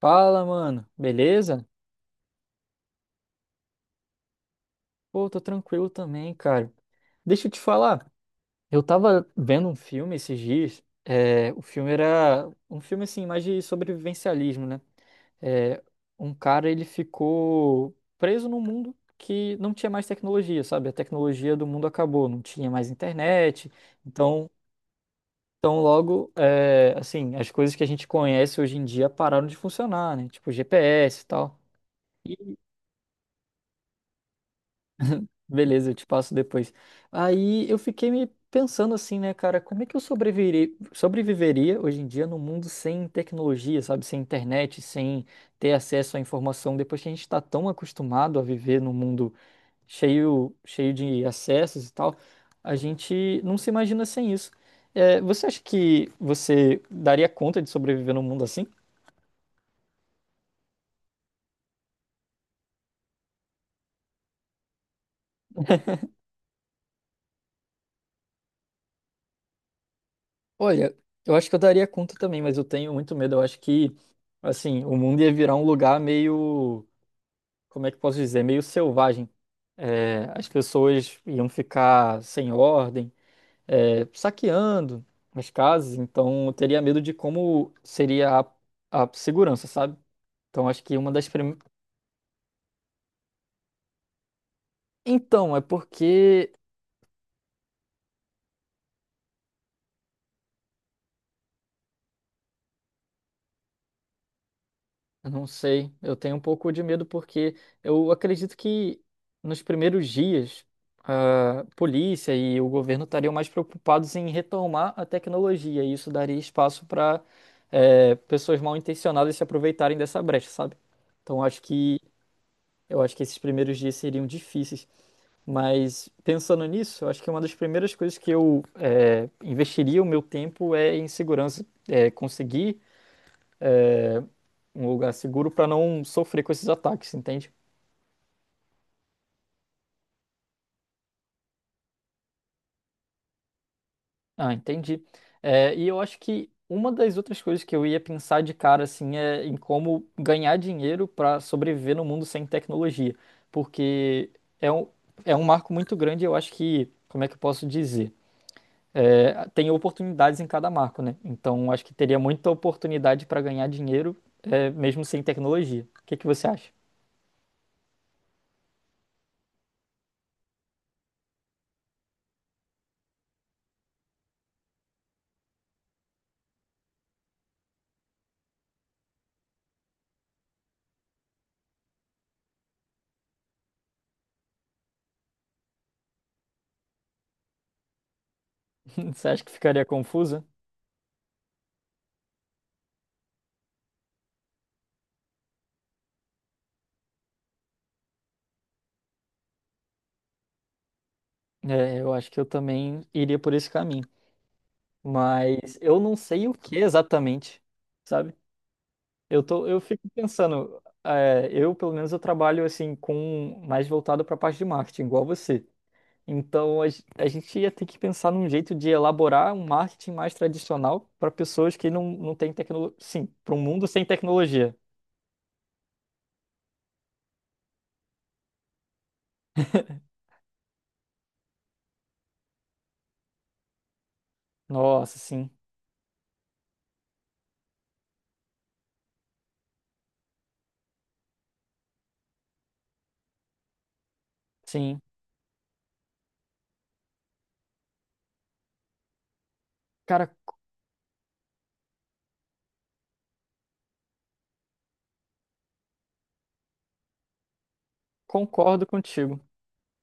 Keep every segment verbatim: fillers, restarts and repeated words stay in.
Fala, mano. Beleza? Pô, tô tranquilo também, cara. Deixa eu te falar. Eu tava vendo um filme esses dias. É, o filme era um filme assim, mais de sobrevivencialismo, né? É, Um cara ele ficou preso num mundo que não tinha mais tecnologia, sabe? A tecnologia do mundo acabou, não tinha mais internet. Então, então logo, é, assim, as coisas que a gente conhece hoje em dia pararam de funcionar, né? Tipo G P S e tal. Beleza, eu te passo depois. Aí eu fiquei me pensando assim, né, cara, como é que eu sobreviveria, sobreviveria hoje em dia num mundo sem tecnologia, sabe, sem internet, sem ter acesso à informação, depois que a gente está tão acostumado a viver num mundo cheio, cheio de acessos e tal, a gente não se imagina sem isso. É, você acha que você daria conta de sobreviver num mundo assim? Olha, eu acho que eu daria conta também, mas eu tenho muito medo. Eu acho que, assim, o mundo ia virar um lugar meio como é que eu posso dizer, meio selvagem. É, as pessoas iam ficar sem ordem, é, saqueando as casas, então eu teria medo de como seria a, a segurança, sabe? Então acho que uma das prim... Então, é porque eu não sei, eu tenho um pouco de medo porque eu acredito que nos primeiros dias a polícia e o governo estariam mais preocupados em retomar a tecnologia e isso daria espaço para pessoas mal intencionadas se aproveitarem dessa brecha, sabe? Então acho que eu acho que esses primeiros dias seriam difíceis, mas pensando nisso, eu acho que uma das primeiras coisas que eu eh, investiria o meu tempo é em segurança, é conseguir eh, um lugar seguro para não sofrer com esses ataques, entende? Ah, entendi. É, e eu acho que uma das outras coisas que eu ia pensar de cara assim é em como ganhar dinheiro para sobreviver no mundo sem tecnologia, porque é um, é um marco muito grande. Eu acho que, como é que eu posso dizer? É, tem oportunidades em cada marco, né? Então acho que teria muita oportunidade para ganhar dinheiro, é, mesmo sem tecnologia. O que que você acha? Você acha que ficaria confusa? É, eu acho que eu também iria por esse caminho. Mas eu não sei o que exatamente, sabe? Eu tô, eu fico pensando, é, eu pelo menos eu trabalho assim com mais voltado para a parte de marketing, igual você. Então a, ge- a gente ia ter que pensar num jeito de elaborar um marketing mais tradicional para pessoas que não, não têm tecnologia. Sim, para um mundo sem tecnologia. Nossa, sim, sim. Cara, concordo contigo.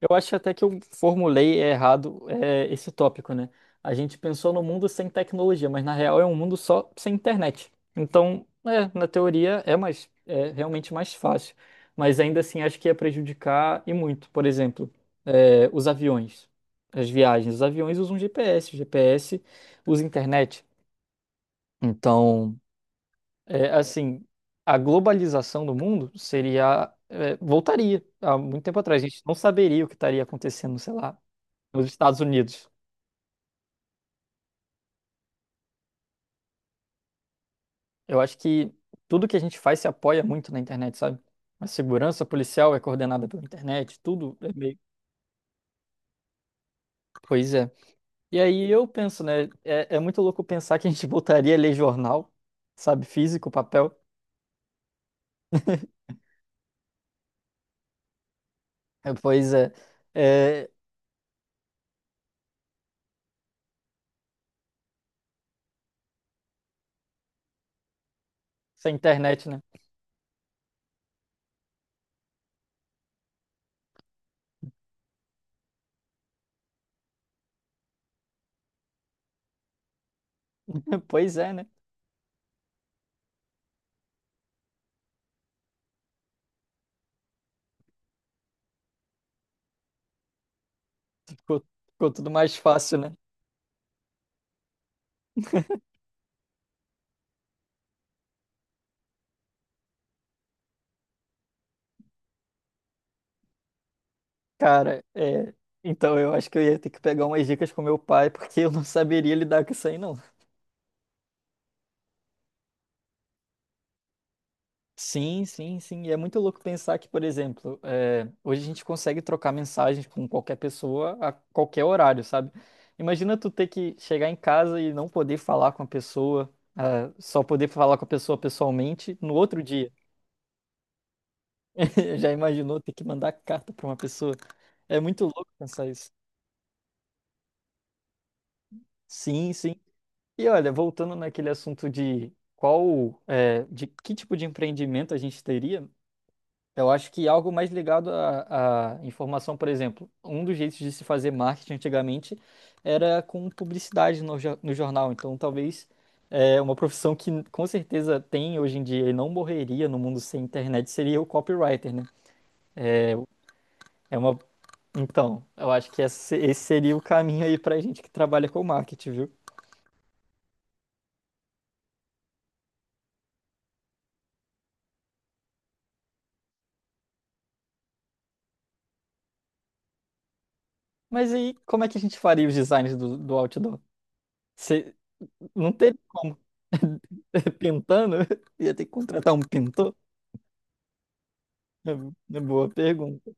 Eu acho até que eu formulei errado, é, esse tópico, né? A gente pensou no mundo sem tecnologia, mas na real é um mundo só sem internet. Então, é, na teoria é mais, é realmente mais fácil. Mas ainda assim acho que ia prejudicar e muito. Por exemplo, é, os aviões, as viagens. Os aviões usam G P S, o G P S usa internet. Então, é, assim, a globalização do mundo seria, é, voltaria há muito tempo atrás. A gente não saberia o que estaria acontecendo, sei lá nos Estados Unidos. Eu acho que tudo que a gente faz se apoia muito na internet, sabe? A segurança policial é coordenada pela internet, tudo é meio. Pois é. E aí eu penso, né? É, é muito louco pensar que a gente voltaria a ler jornal, sabe? Físico, papel. É, pois é. É, sem internet, né? Pois é, né? Ficou, ficou tudo mais fácil, né? Cara, é. Então eu acho que eu ia ter que pegar umas dicas com meu pai, porque eu não saberia lidar com isso aí, não. Sim, sim, sim. E é muito louco pensar que, por exemplo, eh, hoje a gente consegue trocar mensagens com qualquer pessoa a qualquer horário, sabe? Imagina tu ter que chegar em casa e não poder falar com a pessoa, ah, só poder falar com a pessoa pessoalmente no outro dia. Já imaginou ter que mandar carta para uma pessoa? É muito louco pensar isso. Sim, sim. E olha, voltando naquele assunto de qual, eh, de que tipo de empreendimento a gente teria, eu acho que algo mais ligado à, à informação, por exemplo, um dos jeitos de se fazer marketing antigamente era com publicidade no, jo- no jornal. Então, talvez é uma profissão que com certeza tem hoje em dia e não morreria no mundo sem internet seria o copywriter, né? É uma... Então, eu acho que esse esse seria o caminho aí pra gente que trabalha com marketing, viu? Mas aí, como é que a gente faria os designs do, do outdoor? Cê- Não teria como. Pintando? Ia ter que contratar um pintor? É boa pergunta.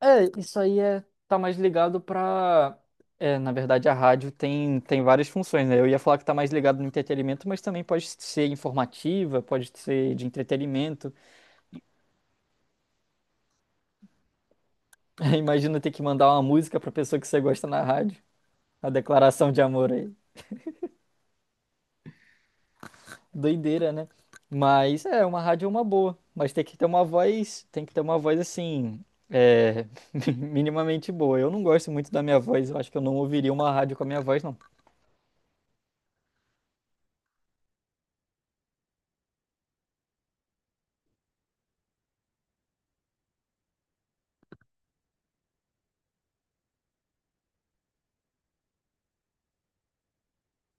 É, isso aí é, tá mais ligado pra. É, na verdade, a rádio tem, tem várias funções, né? Eu ia falar que tá mais ligado no entretenimento, mas também pode ser informativa, pode ser de entretenimento. Imagina ter que mandar uma música pra pessoa que você gosta na rádio. A declaração de amor aí. Doideira, né? Mas é, uma rádio é uma boa. Mas tem que ter uma voz, tem que ter uma voz assim, é, minimamente boa. Eu não gosto muito da minha voz, eu acho que eu não ouviria uma rádio com a minha voz, não.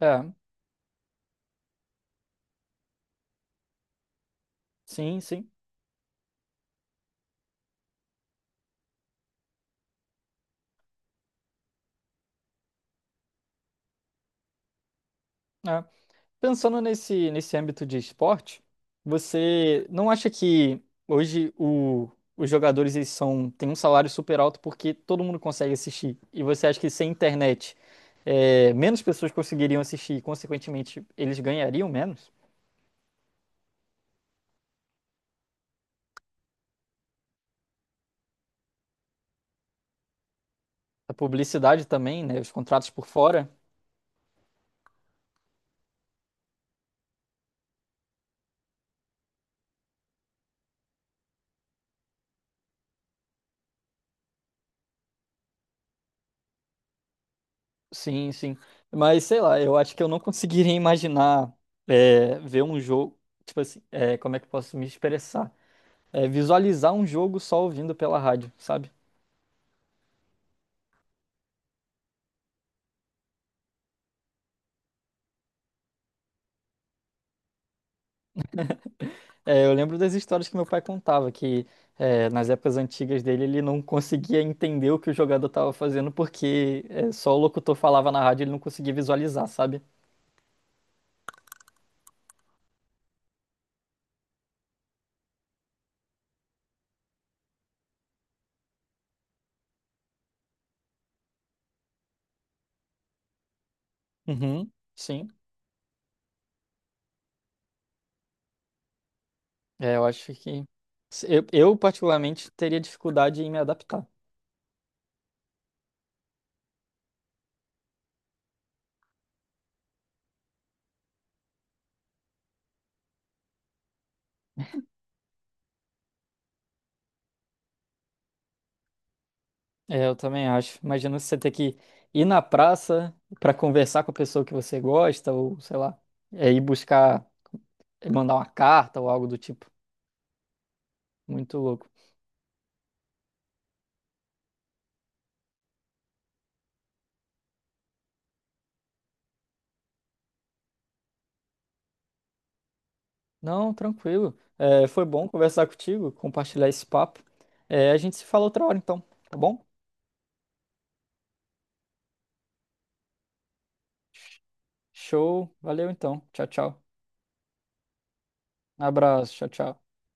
É. Sim, sim. É. Pensando nesse, nesse âmbito de esporte, você não acha que hoje o, os jogadores eles são, têm um salário super alto porque todo mundo consegue assistir? E você acha que sem internet, é, menos pessoas conseguiriam assistir e, consequentemente, eles ganhariam menos? A publicidade também, né? Os contratos por fora. Sim, sim. Mas sei lá, eu acho que eu não conseguiria imaginar é, ver um jogo. Tipo assim, é, como é que eu posso me expressar? É, visualizar um jogo só ouvindo pela rádio, sabe? É, eu lembro das histórias que meu pai contava, que é, nas épocas antigas dele ele não conseguia entender o que o jogador estava fazendo porque é, só o locutor falava na rádio e ele não conseguia visualizar, sabe? Uhum, sim. É, eu acho que. Eu, eu, particularmente, teria dificuldade em me adaptar. É, eu também acho. Imagina você ter que ir na praça para conversar com a pessoa que você gosta, ou sei lá, é, ir buscar, mandar uma carta ou algo do tipo. Muito louco. Não, tranquilo. É, foi bom conversar contigo, compartilhar esse papo. É, a gente se fala outra hora, então, tá bom? Show. Valeu, então. Tchau, tchau. Abraço. Tchau, tchau.